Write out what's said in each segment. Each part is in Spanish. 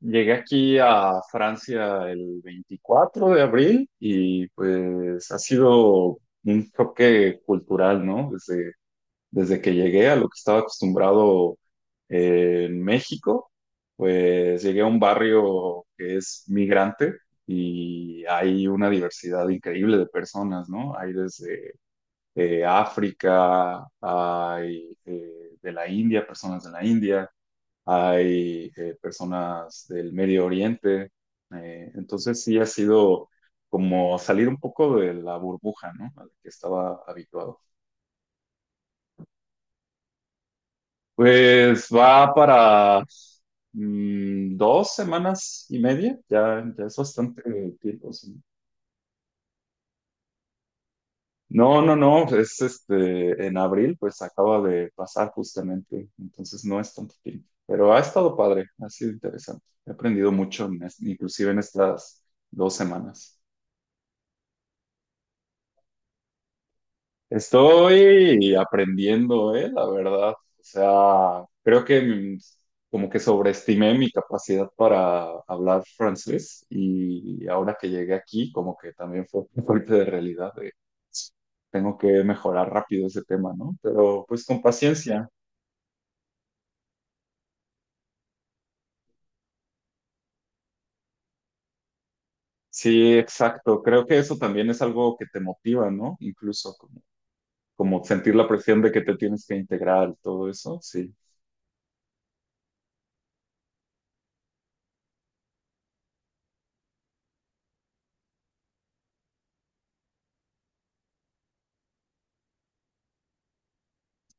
Llegué aquí a Francia el 24 de abril y pues ha sido un choque cultural, ¿no? Desde que llegué a lo que estaba acostumbrado en México, pues llegué a un barrio que es migrante y hay una diversidad increíble de personas, ¿no? Hay desde África, hay de la India, personas de la India. Hay personas del Medio Oriente. Entonces sí ha sido como salir un poco de la burbuja, ¿no? A la que estaba habituado. Pues va para 2 semanas y media, ya es bastante tiempo. Sí. No, no, no, es en abril, pues acaba de pasar justamente, entonces no es tanto tiempo, pero ha estado padre, ha sido interesante, he aprendido mucho, inclusive en estas 2 semanas. Estoy aprendiendo, la verdad. O sea, creo que como que sobreestimé mi capacidad para hablar francés y ahora que llegué aquí, como que también fue un golpe de realidad de tengo que mejorar rápido ese tema, ¿no? Pero pues con paciencia. Sí, exacto. Creo que eso también es algo que te motiva, ¿no? Incluso como sentir la presión de que te tienes que integrar, todo eso. Sí.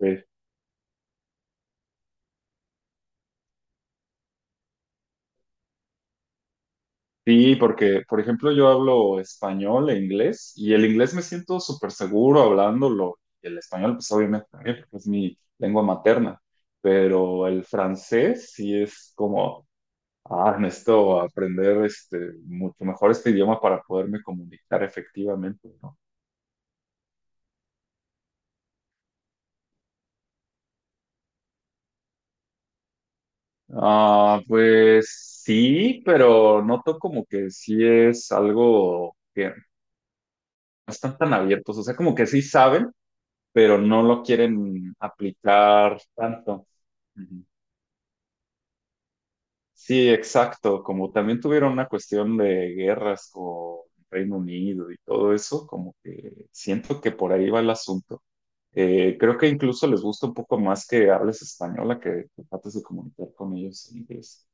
Sí. Sí, porque, por ejemplo, yo hablo español e inglés y el inglés me siento súper seguro hablándolo. Y el español, pues obviamente también, porque es mi lengua materna. Pero el francés sí es como, necesito aprender mucho mejor este idioma para poderme comunicar efectivamente, ¿no? Ah, pues sí, pero noto como que sí es algo que no están tan abiertos, o sea, como que sí saben pero no lo quieren aplicar tanto. Ujú. Sí, exacto. Como también tuvieron una cuestión de guerras con Reino Unido y todo eso, como que siento que por ahí va el asunto. Creo que incluso les gusta un poco más que hables española que trates de comunicar con ellos en inglés.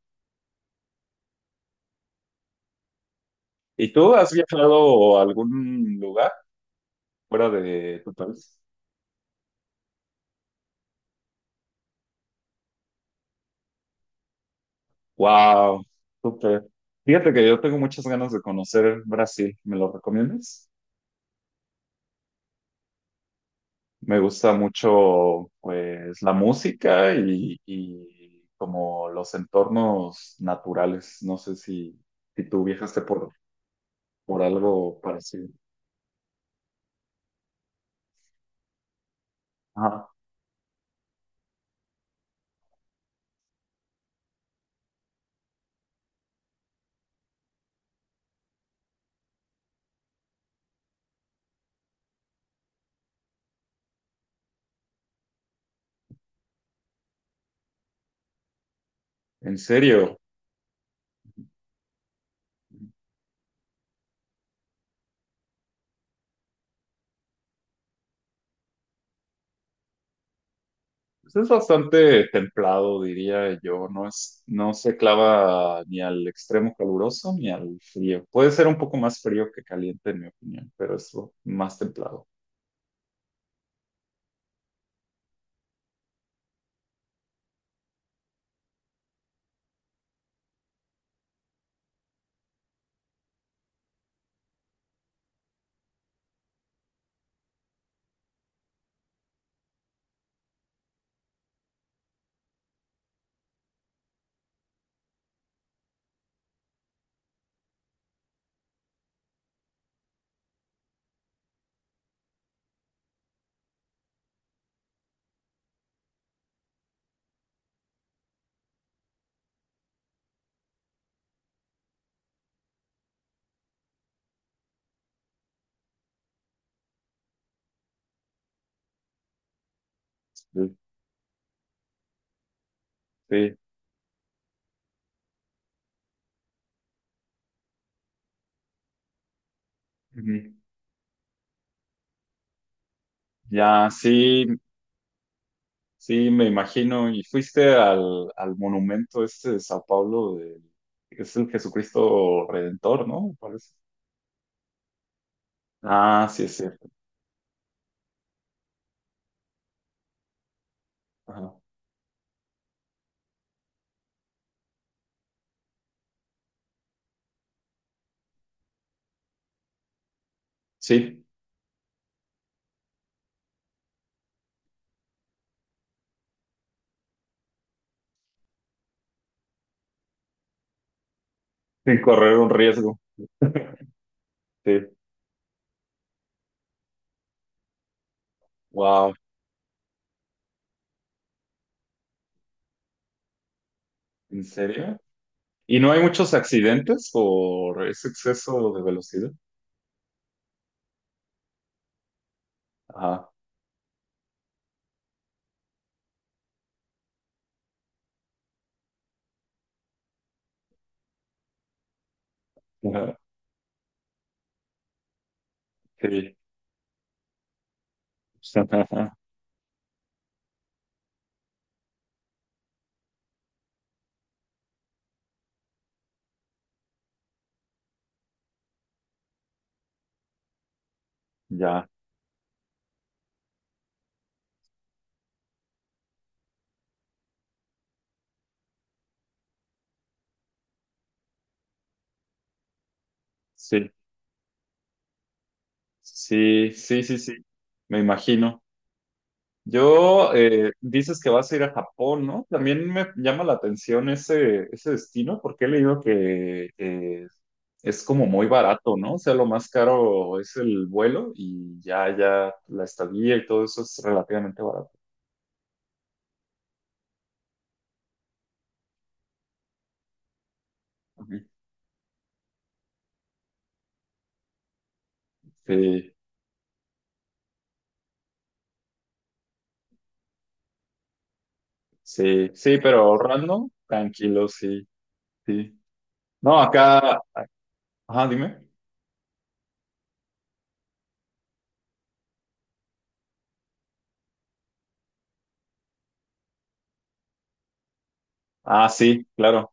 ¿Y tú has viajado a algún lugar fuera de tu país? Wow, súper. Fíjate que yo tengo muchas ganas de conocer Brasil. ¿Me lo recomiendas? Me gusta mucho, pues, la música y, como los entornos naturales. No sé si tú viajaste por algo parecido. Ajá. En serio, pues es bastante templado, diría yo. No se clava ni al extremo caluroso ni al frío. Puede ser un poco más frío que caliente, en mi opinión, pero es más templado. Sí. Sí. Ujú. Ya, sí. Sí, me imagino. ¿Y fuiste al monumento este de Sao Paulo, que es el Jesucristo Redentor, ¿no? me parece. Ah, sí, es cierto. Ajá. Sí, sin correr un riesgo. Sí. Wow, ¿en serio? ¿Y no hay muchos accidentes por ese exceso de velocidad? Ajá. Ajá. Sí. Ya, sí. Sí, sí, sí, sí. Me imagino. Dices que vas a ir a Japón, ¿no? También me llama la atención ese, destino porque he leído que es como muy barato, ¿no? O sea, lo más caro es el vuelo y ya, la estadía y todo eso es relativamente barato. Ujú. Sí, sí, sí, pero ahorrando, tranquilo, sí, sí. No, acá, ajá, dime. Ah, sí, claro.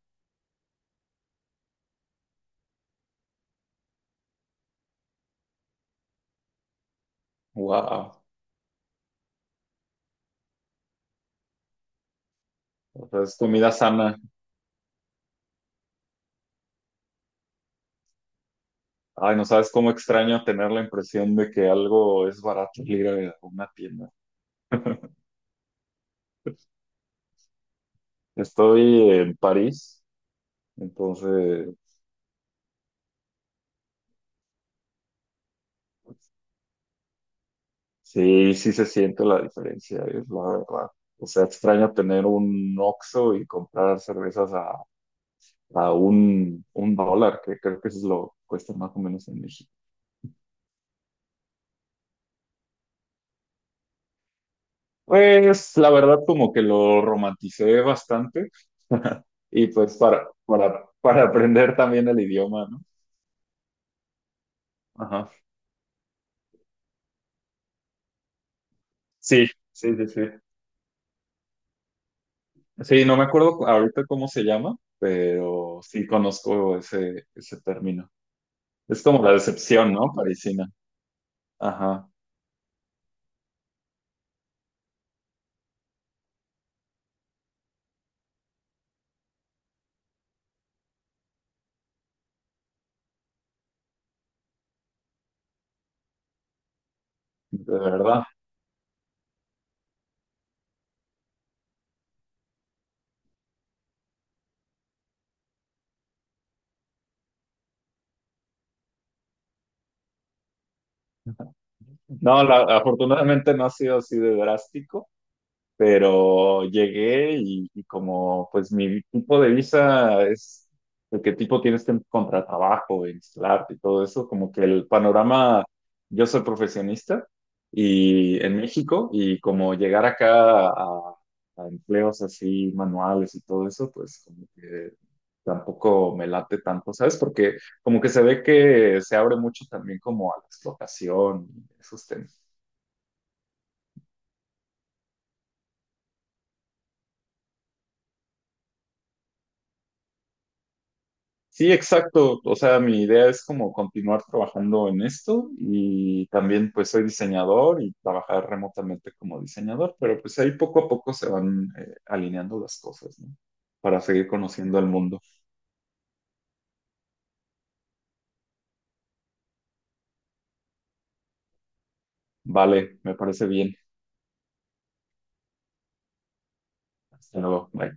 Wow. O sea, es comida sana. Ay, no sabes cómo extraño tener la impresión de que algo es barato al ir a una tienda. Estoy en París, entonces sí, sí se siente la diferencia, es la verdad. O sea, extraño tener un Oxxo y comprar cervezas a un dólar, que creo que eso es lo que cuesta más o menos en México. Pues la verdad como que lo romanticé bastante y pues para aprender también el idioma, ¿no? Ajá. Sí, sí, sí, sí. Sí, no me acuerdo ahorita cómo se llama, pero sí conozco ese, término. Es como la decepción, ¿no? Parisina. Ajá, de verdad. No, afortunadamente no ha sido así de drástico. Pero llegué y como pues mi tipo de visa es el que tipo tienes que encontrar trabajo, instalarte y todo eso, como que el panorama, yo soy profesionista y en México y como llegar acá a empleos así manuales y todo eso, pues como que tampoco me late tanto, ¿sabes? Porque como que se ve que se abre mucho también como a la explotación, y esos temas. Sí, exacto. O sea, mi idea es como continuar trabajando en esto y también pues soy diseñador y trabajar remotamente como diseñador, pero pues ahí poco a poco se van alineando las cosas, ¿no? Para seguir conociendo el mundo. Vale, me parece bien. Hasta luego. Bye.